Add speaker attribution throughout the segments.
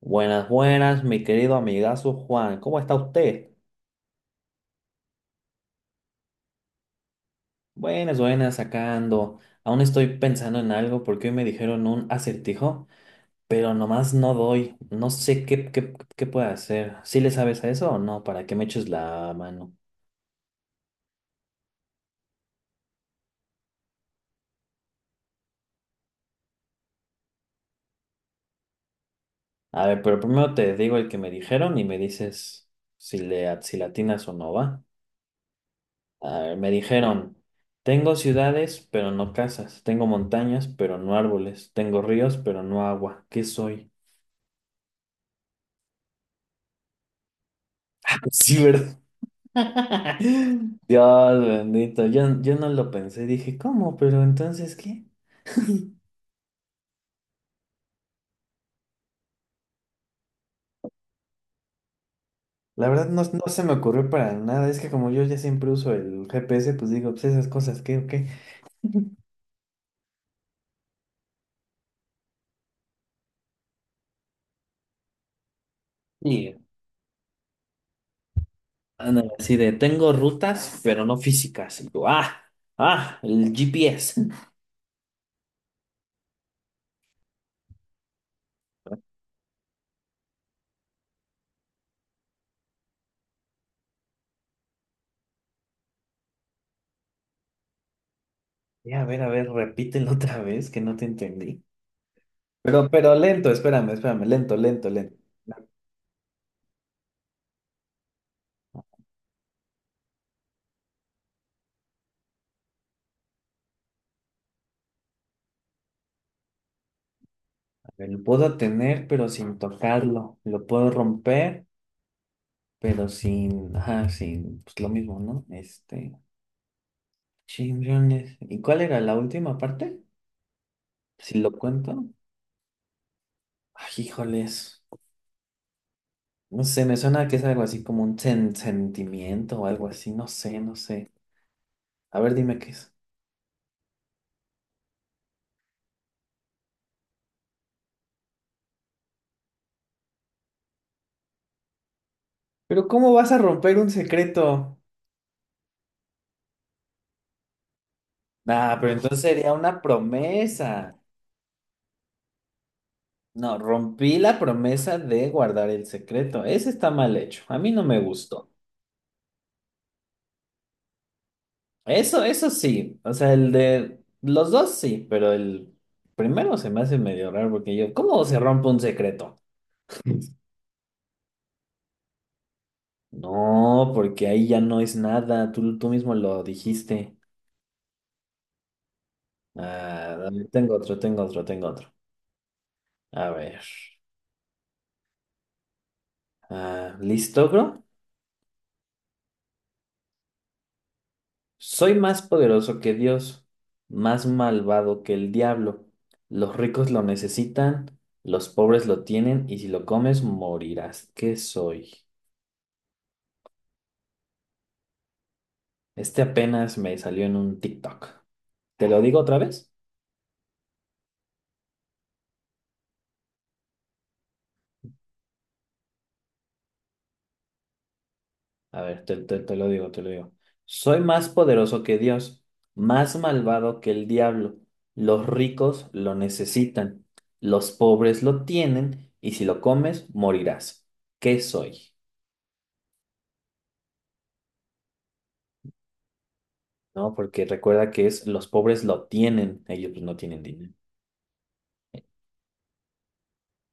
Speaker 1: Buenas, buenas, mi querido amigazo Juan, ¿cómo está usted? Buenas, buenas, sacando. Aún estoy pensando en algo porque hoy me dijeron un acertijo, pero nomás no doy. No sé qué puedo hacer. ¿Sí le sabes a eso o no? ¿Para que me eches la mano? A ver, pero primero te digo el que me dijeron y me dices si si latinas o no, ¿va? A ver, me dijeron, tengo ciudades, pero no casas. Tengo montañas, pero no árboles. Tengo ríos, pero no agua. ¿Qué soy? Sí, ¿verdad? Dios bendito, yo no lo pensé, dije, ¿cómo? Pero entonces, ¿qué? La verdad no se me ocurrió para nada, es que como yo ya siempre uso el GPS, pues digo, pues esas cosas, ¿qué o qué? Y andan así de, tengo rutas, pero no físicas. Y yo, ah, el GPS. Ya, a ver, repítelo otra vez, que no te entendí. Pero lento, espérame, espérame, lento, lento, lento. Lo puedo tener, pero sin tocarlo. Lo puedo romper, pero sin, ajá, sin, pues lo mismo, ¿no? Este, chinglones. ¿Y cuál era la última parte? Si lo cuento. Ay, híjoles. No sé, me suena que es algo así como un sentimiento o algo así. No sé, no sé. A ver, dime qué es. Pero ¿cómo vas a romper un secreto? Ah, pero entonces sería una promesa. No, rompí la promesa de guardar el secreto. Ese está mal hecho. A mí no me gustó. Eso sí. O sea, el de los dos sí, pero el primero se me hace medio raro porque yo, ¿cómo se rompe un secreto? No, porque ahí ya no es nada. Tú mismo lo dijiste. Ah, a ver, tengo otro, tengo otro, tengo otro. A ver. Ah, ¿listo, bro? Soy más poderoso que Dios, más malvado que el diablo. Los ricos lo necesitan, los pobres lo tienen y si lo comes morirás. ¿Qué soy? Este apenas me salió en un TikTok. ¿Te lo digo otra vez? A ver, te lo digo, te lo digo. Soy más poderoso que Dios, más malvado que el diablo. Los ricos lo necesitan, los pobres lo tienen y si lo comes, morirás. ¿Qué soy? ¿No? Porque recuerda que es los pobres lo tienen, ellos pues no tienen dinero.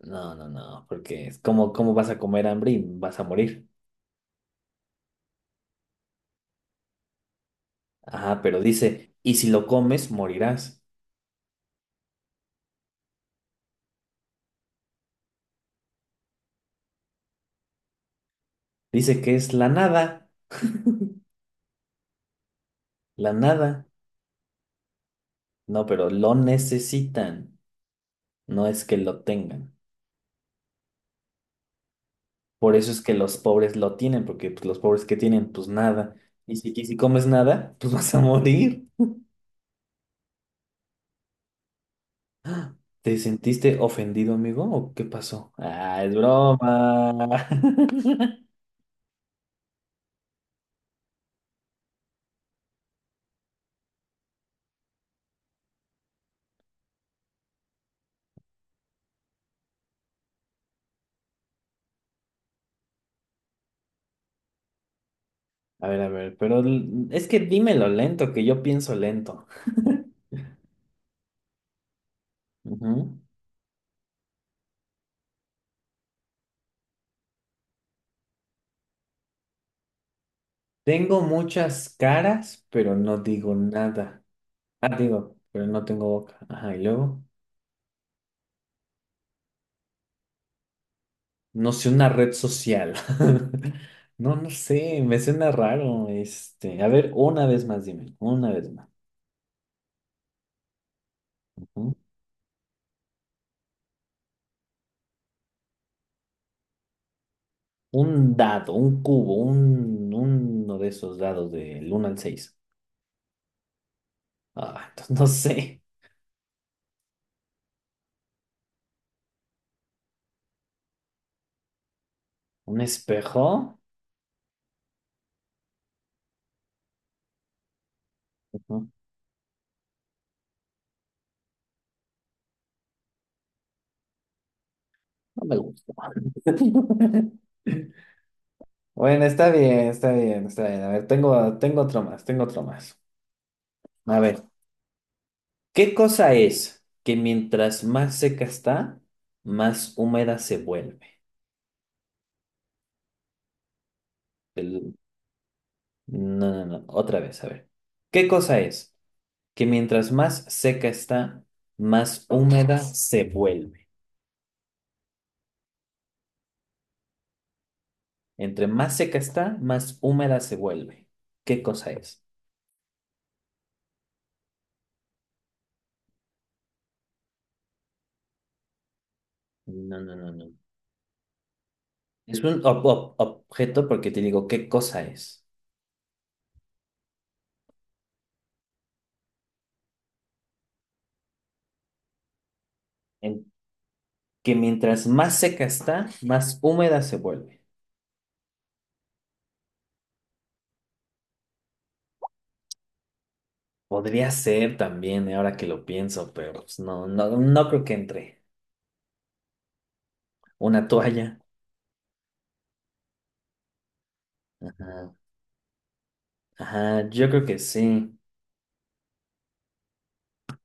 Speaker 1: No, no, no, porque es como, ¿cómo vas a comer hambre y vas a morir? Ajá, pero dice, y si lo comes, morirás. Dice que es la nada. La nada. No, pero lo necesitan. No es que lo tengan. Por eso es que los pobres lo tienen, porque pues, los pobres que tienen, pues nada. Y si comes nada, pues vas a morir. ¿Te sentiste ofendido, amigo? ¿O qué pasó? Ah, es broma. A ver, pero es que dímelo lento, que yo pienso lento. Ujú. Tengo muchas caras, pero no digo nada. Ah, digo, pero no tengo boca. Ajá, y luego. No sé, una red social. No, no sé, me suena raro. Este, a ver, una vez más, dime, una vez más. Ujú. Un dado, un cubo, uno de esos dados del uno al seis. Ah, entonces no sé. ¿Un espejo? Ujú. No me gusta. Bueno, está bien, está bien, está bien. A ver, tengo, tengo otro más, tengo otro más. A ver, ¿qué cosa es que mientras más seca está, más húmeda se vuelve? El- No, no, no. Otra vez, a ver. ¿Qué cosa es que mientras más seca está, más húmeda se vuelve? Entre más seca está, más húmeda se vuelve. ¿Qué cosa es? No, no, no, no. Es un objeto porque te digo, ¿qué cosa es? En- que mientras más seca está, más húmeda se vuelve. Podría ser también, ahora que lo pienso, pero pues, no, no, no creo que entre. Una toalla. Ajá, Ajá, yo creo que sí.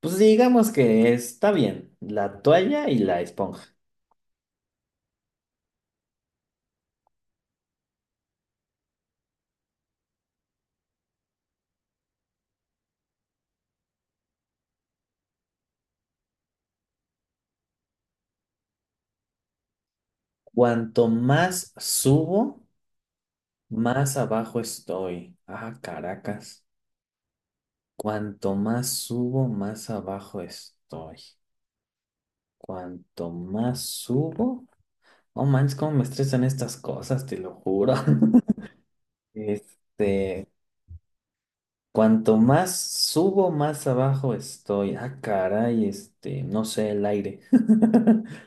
Speaker 1: Pues digamos que está bien, la toalla y la esponja. Cuanto más subo, más abajo estoy. Ah, caracas. Cuanto más subo, más abajo estoy. Cuanto más subo, oh manches, cómo me estresan estas cosas, te lo juro. Este, cuanto más subo, más abajo estoy. Ah, caray, este, no sé, el aire.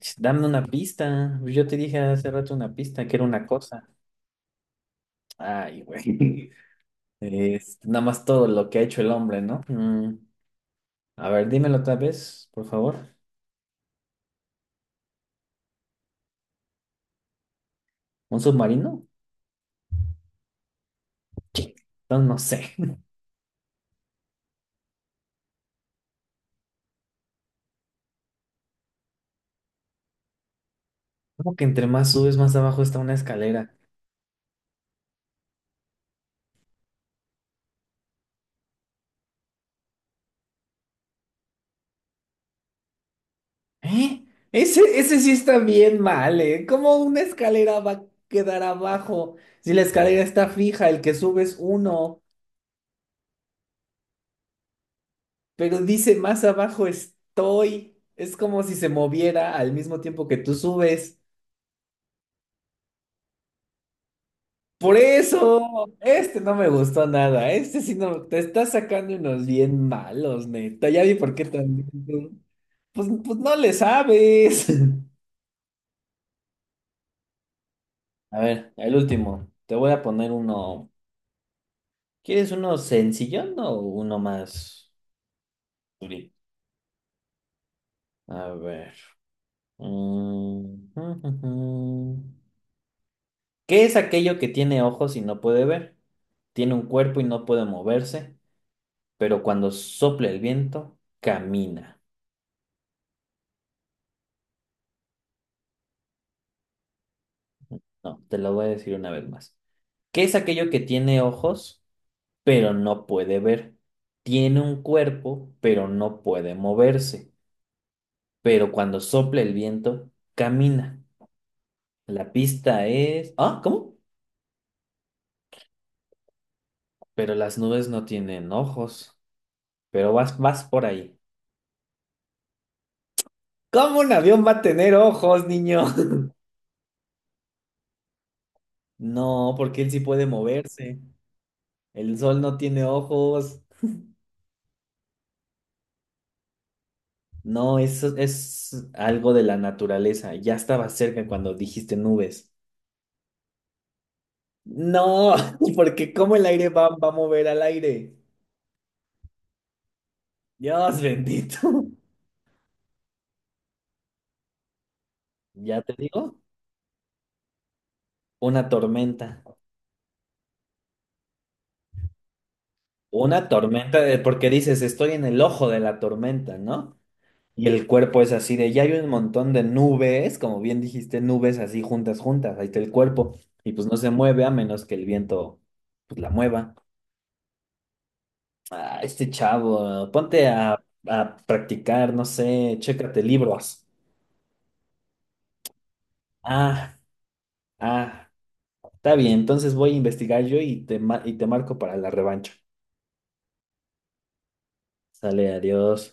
Speaker 1: Ch, dame una pista. Pues, yo te dije hace rato una pista, que era una cosa. Ay, güey. Es nada más todo lo que ha hecho el hombre, ¿no? Mm, a ver, dímelo otra vez, por favor. ¿Un submarino? Ch, no, no sé. ¿Cómo que entre más subes, más abajo está una escalera? ¿Eh? Ese sí está bien mal, ¿eh? ¿Cómo una escalera va a quedar abajo? Si la escalera está fija, el que sube es uno. Pero dice más abajo estoy. Es como si se moviera al mismo tiempo que tú subes. Por eso, este no me gustó nada. Este sí no, te está sacando unos bien malos, neta. Ya vi por qué también. Tú. Pues, pues no le sabes. A ver, el último. Te voy a poner uno. ¿Quieres uno sencillón o uno más durito? A ver. Mm. ¿Qué es aquello que tiene ojos y no puede ver? Tiene un cuerpo y no puede moverse, pero cuando sopla el viento, camina. No, te lo voy a decir una vez más. ¿Qué es aquello que tiene ojos, pero no puede ver? Tiene un cuerpo, pero no puede moverse, pero cuando sopla el viento, camina. La pista es... Ah, ¿cómo? Pero las nubes no tienen ojos, pero vas por ahí. ¿Cómo un avión va a tener ojos, niño? No, porque él sí puede moverse. El sol no tiene ojos. No, eso es algo de la naturaleza. Ya estaba cerca cuando dijiste nubes. No, porque ¿cómo el aire va a mover al aire? Dios bendito. Ya te digo, una tormenta. Una tormenta, de- porque dices, estoy en el ojo de la tormenta, ¿no? Y el cuerpo es así de, ya hay un montón de nubes, como bien dijiste, nubes así juntas, juntas, ahí está el cuerpo. Y pues no se mueve a menos que el viento pues la mueva. Ah, este chavo, ponte a practicar, no sé, chécate libros. Ah, ah, está bien, entonces voy a investigar yo y te, y te marco para la revancha. Sale, adiós.